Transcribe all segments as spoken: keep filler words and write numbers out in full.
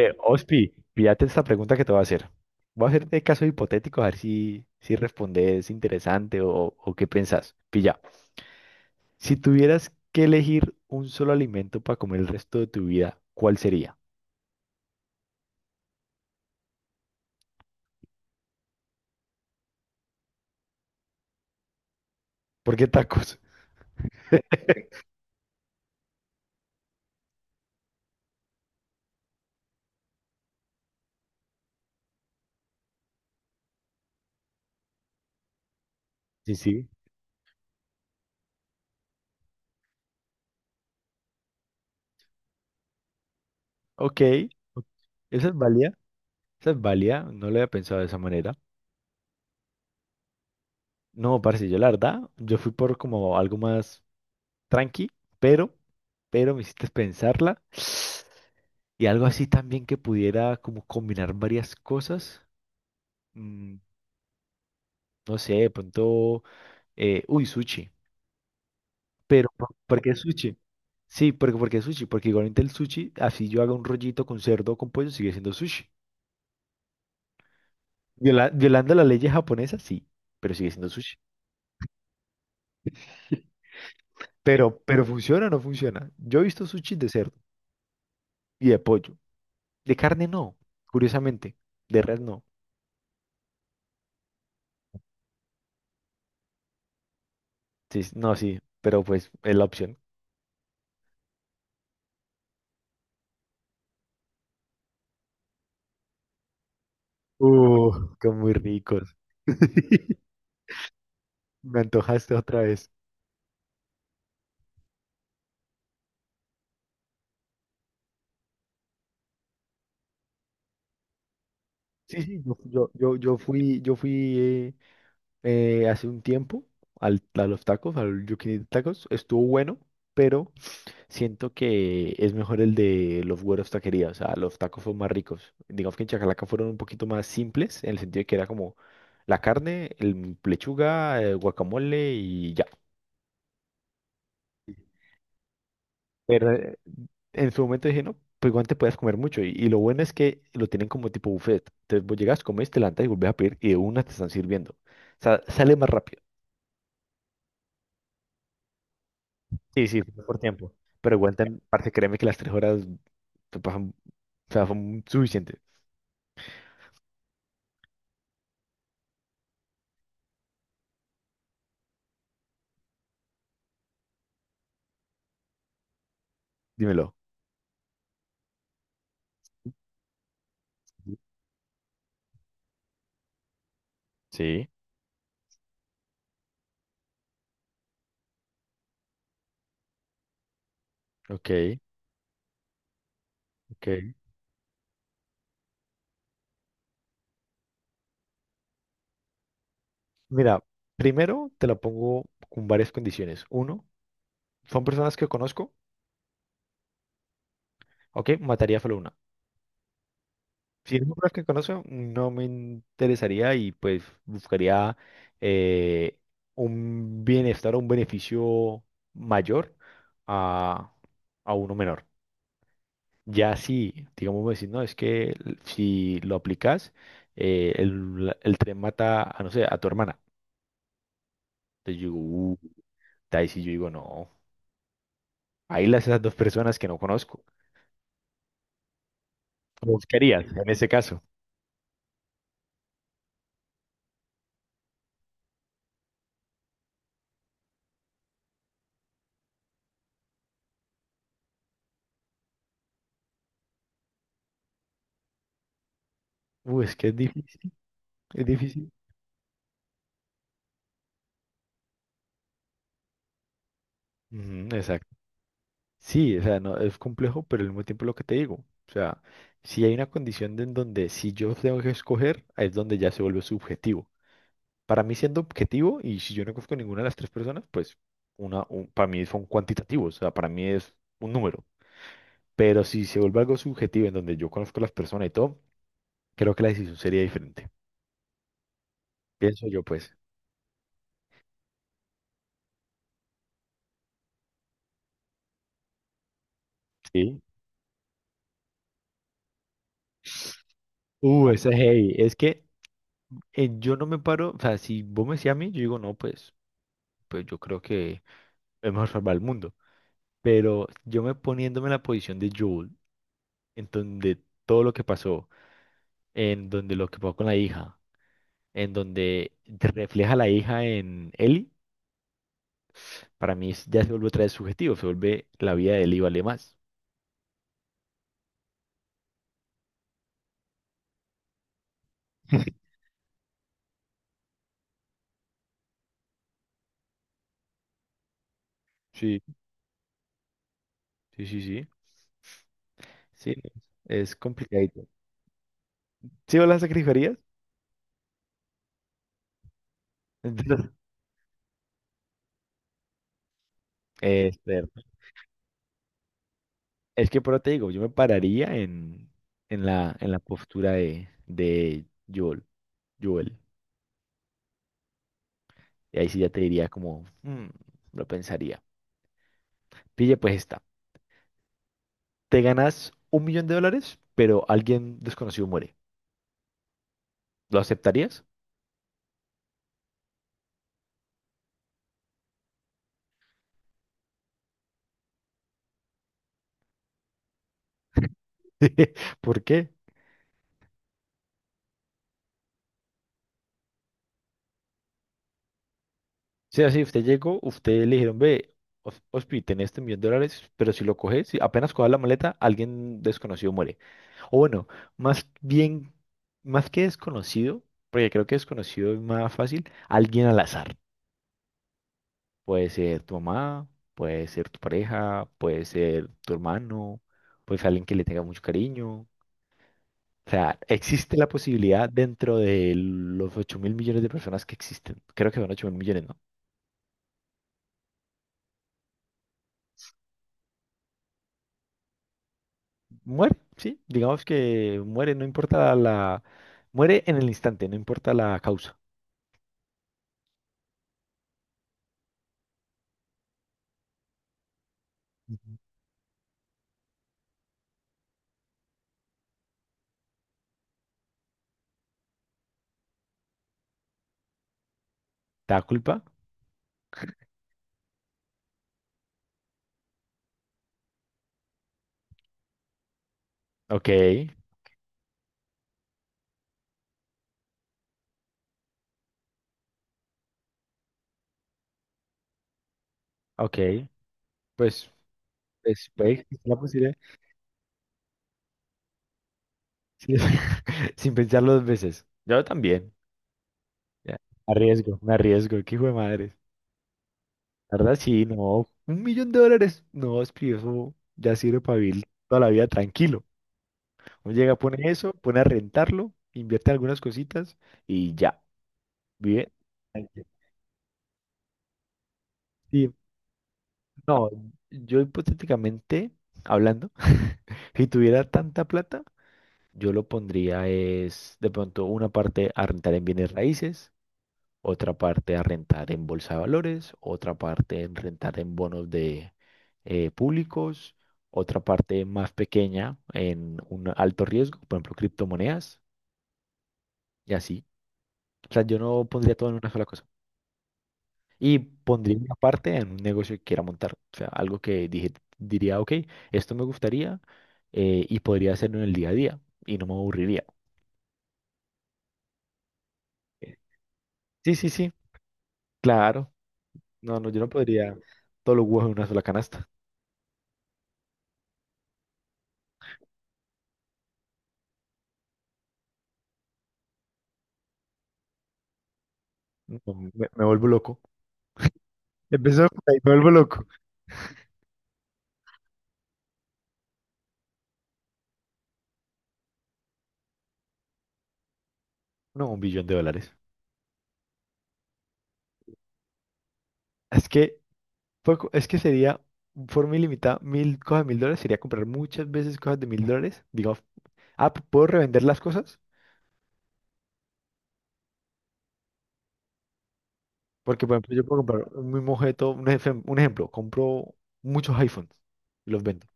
Eh, Ospi, pídate esta pregunta que te voy a hacer. Voy a hacerte caso hipotético a ver si, si respondes interesante o, o qué pensás. Pilla, si tuvieras que elegir un solo alimento para comer el resto de tu vida, ¿cuál sería? ¿Por qué tacos? Sí, sí. Ok. Ok. Esa es válida. Esa es válida. No lo había pensado de esa manera. No, parce, yo la verdad, yo fui por como algo más tranqui, pero, pero me hiciste pensarla. Y algo así también que pudiera como combinar varias cosas. mm, no sé, de pronto, eh, uy, sushi. Pero, ¿por por qué sushi? Sí, porque, porque sushi, porque igualmente el sushi, así yo haga un rollito con cerdo o con pollo, sigue siendo sushi. Viola- violando las leyes japonesas, sí, pero sigue siendo sushi. Pero, pero ¿funciona o no funciona? Yo he visto sushi de cerdo y de pollo. De carne no, curiosamente. De res no. Sí, no, sí, pero pues es la opción. Uh, qué muy ricos. Me antojaste otra vez. Sí, sí, yo, yo, yo, yo fui, yo fui eh, eh, hace un tiempo al, a los tacos, al Yukinito Tacos. Estuvo bueno, pero siento que es mejor el de los güeros taquería. O sea, los tacos son más ricos. Digamos que en Chacalaca fueron un poquito más simples, en el sentido de que era como la carne, el lechuga, eh, guacamole y ya. Pero eh, en su momento dije, no, pues igual te puedes comer mucho. Y, y lo bueno es que lo tienen como tipo buffet. Entonces vos llegas, comes, te levantas y volvés a pedir y de una te están sirviendo. O sea, sale más rápido. Sí, sí, fue por tiempo. Pero igual, también, parce, créeme que las tres horas te pasan, o sea, son suficientes. Dímelo. Sí, ok, ok. Mira, primero te la pongo con varias condiciones. Uno, son personas que conozco, ok, mataría solo una. Si es un lugar que conozco, no me interesaría y pues buscaría eh, un bienestar o un beneficio mayor a, a uno menor. Ya si, digamos, decir, no, es que l- si lo aplicas, eh, el, la- el tren mata a, no sé, a tu hermana. Entonces yo, uh, ahí sí yo digo, no, ahí las esas dos personas que no conozco. ¿Cómo buscarías en ese caso? Uh, es que es difícil, es difícil. Ujú. Sí, o sea, no, es complejo, pero al mismo tiempo lo que te digo, o sea, si hay una condición de en donde si yo tengo que escoger, ahí es donde ya se vuelve subjetivo. Para mí siendo objetivo, y si yo no conozco ninguna de las tres personas, pues una, un- para mí son cuantitativos, o sea, para mí es un número. Pero si se vuelve algo subjetivo en donde yo conozco a las personas y todo, creo que la decisión sería diferente. Pienso yo, pues. Sí. Uh, ese es heavy. Es que eh, yo no me paro, o sea, si vos me decís a mí, yo digo, no, pues, pues yo creo que es mejor salvar el mundo. Pero yo me poniéndome en la posición de Joel, en donde todo lo que pasó, en donde lo que pasó con la hija, en donde te refleja la hija en Ellie, para mí es- ya se vuelve otra vez subjetivo, se vuelve la vida de Ellie vale más. Sí, sí, sí, sí. Sí, es complicadito. ¿Sí o las sacrificarías? Entonces, eh, espera. Es que por eso te digo, yo me pararía en, en la, en la postura de, de Joel, Joel. Y ahí sí ya te diría como, "Mm, lo pensaría". Pille, pues está. Te ganas un millón de dólares, pero alguien desconocido muere. ¿Lo aceptarías? ¿Por qué? O sea, si usted llegó, usted le dijeron, ve, Os- Ospi, tenés este millón de dólares, pero si lo coges, si apenas coges la maleta, alguien desconocido muere. O bueno, más bien, más que desconocido, porque creo que desconocido es más fácil, alguien al azar. Puede ser tu mamá, puede ser tu pareja, puede ser tu hermano, puede ser alguien que le tenga mucho cariño. O sea, existe la posibilidad dentro de los ocho mil millones de personas que existen. Creo que son ocho mil millones, ¿no? Muere, sí. Digamos que muere, no importa la. Muere en el instante, no importa la causa. Ujú. ¿Te da culpa? Ok, ok. Pues, pues puede existir la posibilidad sí, sin pensarlo dos veces. Yo también. Ya, arriesgo, me arriesgo. Qué hijo de madre. La verdad, sí, no. Un millón de dólares. No, es que eso ya sirve para vivir toda la vida tranquilo. Uno llega, pone eso, pone a rentarlo, invierte algunas cositas y ya, vive. Sí, no, yo hipotéticamente hablando, si tuviera tanta plata, yo lo pondría es de pronto una parte a rentar en bienes raíces, otra parte a rentar en bolsa de valores, otra parte en rentar en bonos de eh, públicos, otra parte más pequeña en un alto riesgo, por ejemplo, criptomonedas y así. O sea, yo no pondría todo en una sola cosa. Y pondría una parte en un negocio que quiera montar. O sea, algo que dije, diría, ok, esto me gustaría eh, y podría hacerlo en el día a día y no me aburriría. Sí, sí, sí, claro. No, no, yo no podría todos los huevos en una sola canasta. No, me, me vuelvo loco. Empezó por ahí, me vuelvo loco. No, un billón de dólares. Es que, poco- es que sería, forma ilimitada, mil cosas de mil dólares, sería comprar muchas veces cosas de mil dólares. Digo, ah, ¿puedo revender las cosas? Porque, por ejemplo, yo puedo comprar un mismo objeto, un, ejem- un ejemplo, compro muchos iPhones y los vendo.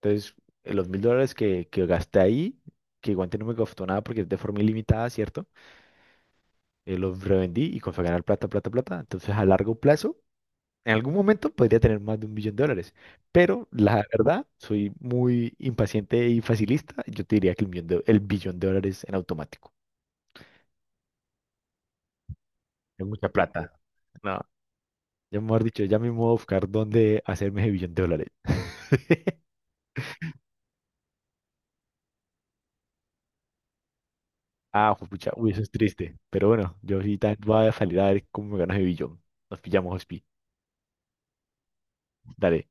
Entonces, eh, los mil dólares que, que gasté ahí, que igual no me costó nada porque es de forma ilimitada, ¿cierto? Eh, los revendí y comencé a ganar plata, plata, plata. Entonces, a largo plazo, en algún momento podría tener más de un millón de dólares. Pero la verdad, soy muy impaciente y facilista. Yo te diría que el millón de- el billón de dólares en automático. Es mucha plata. No, ya mejor dicho, ya mismo voy a buscar dónde hacerme ese billón de dólares. Ah, pues, pucha, uy, eso es triste. Pero bueno, yo sí también voy a salir a ver cómo me gana ese billón. Nos pillamos, Hospi. Dale.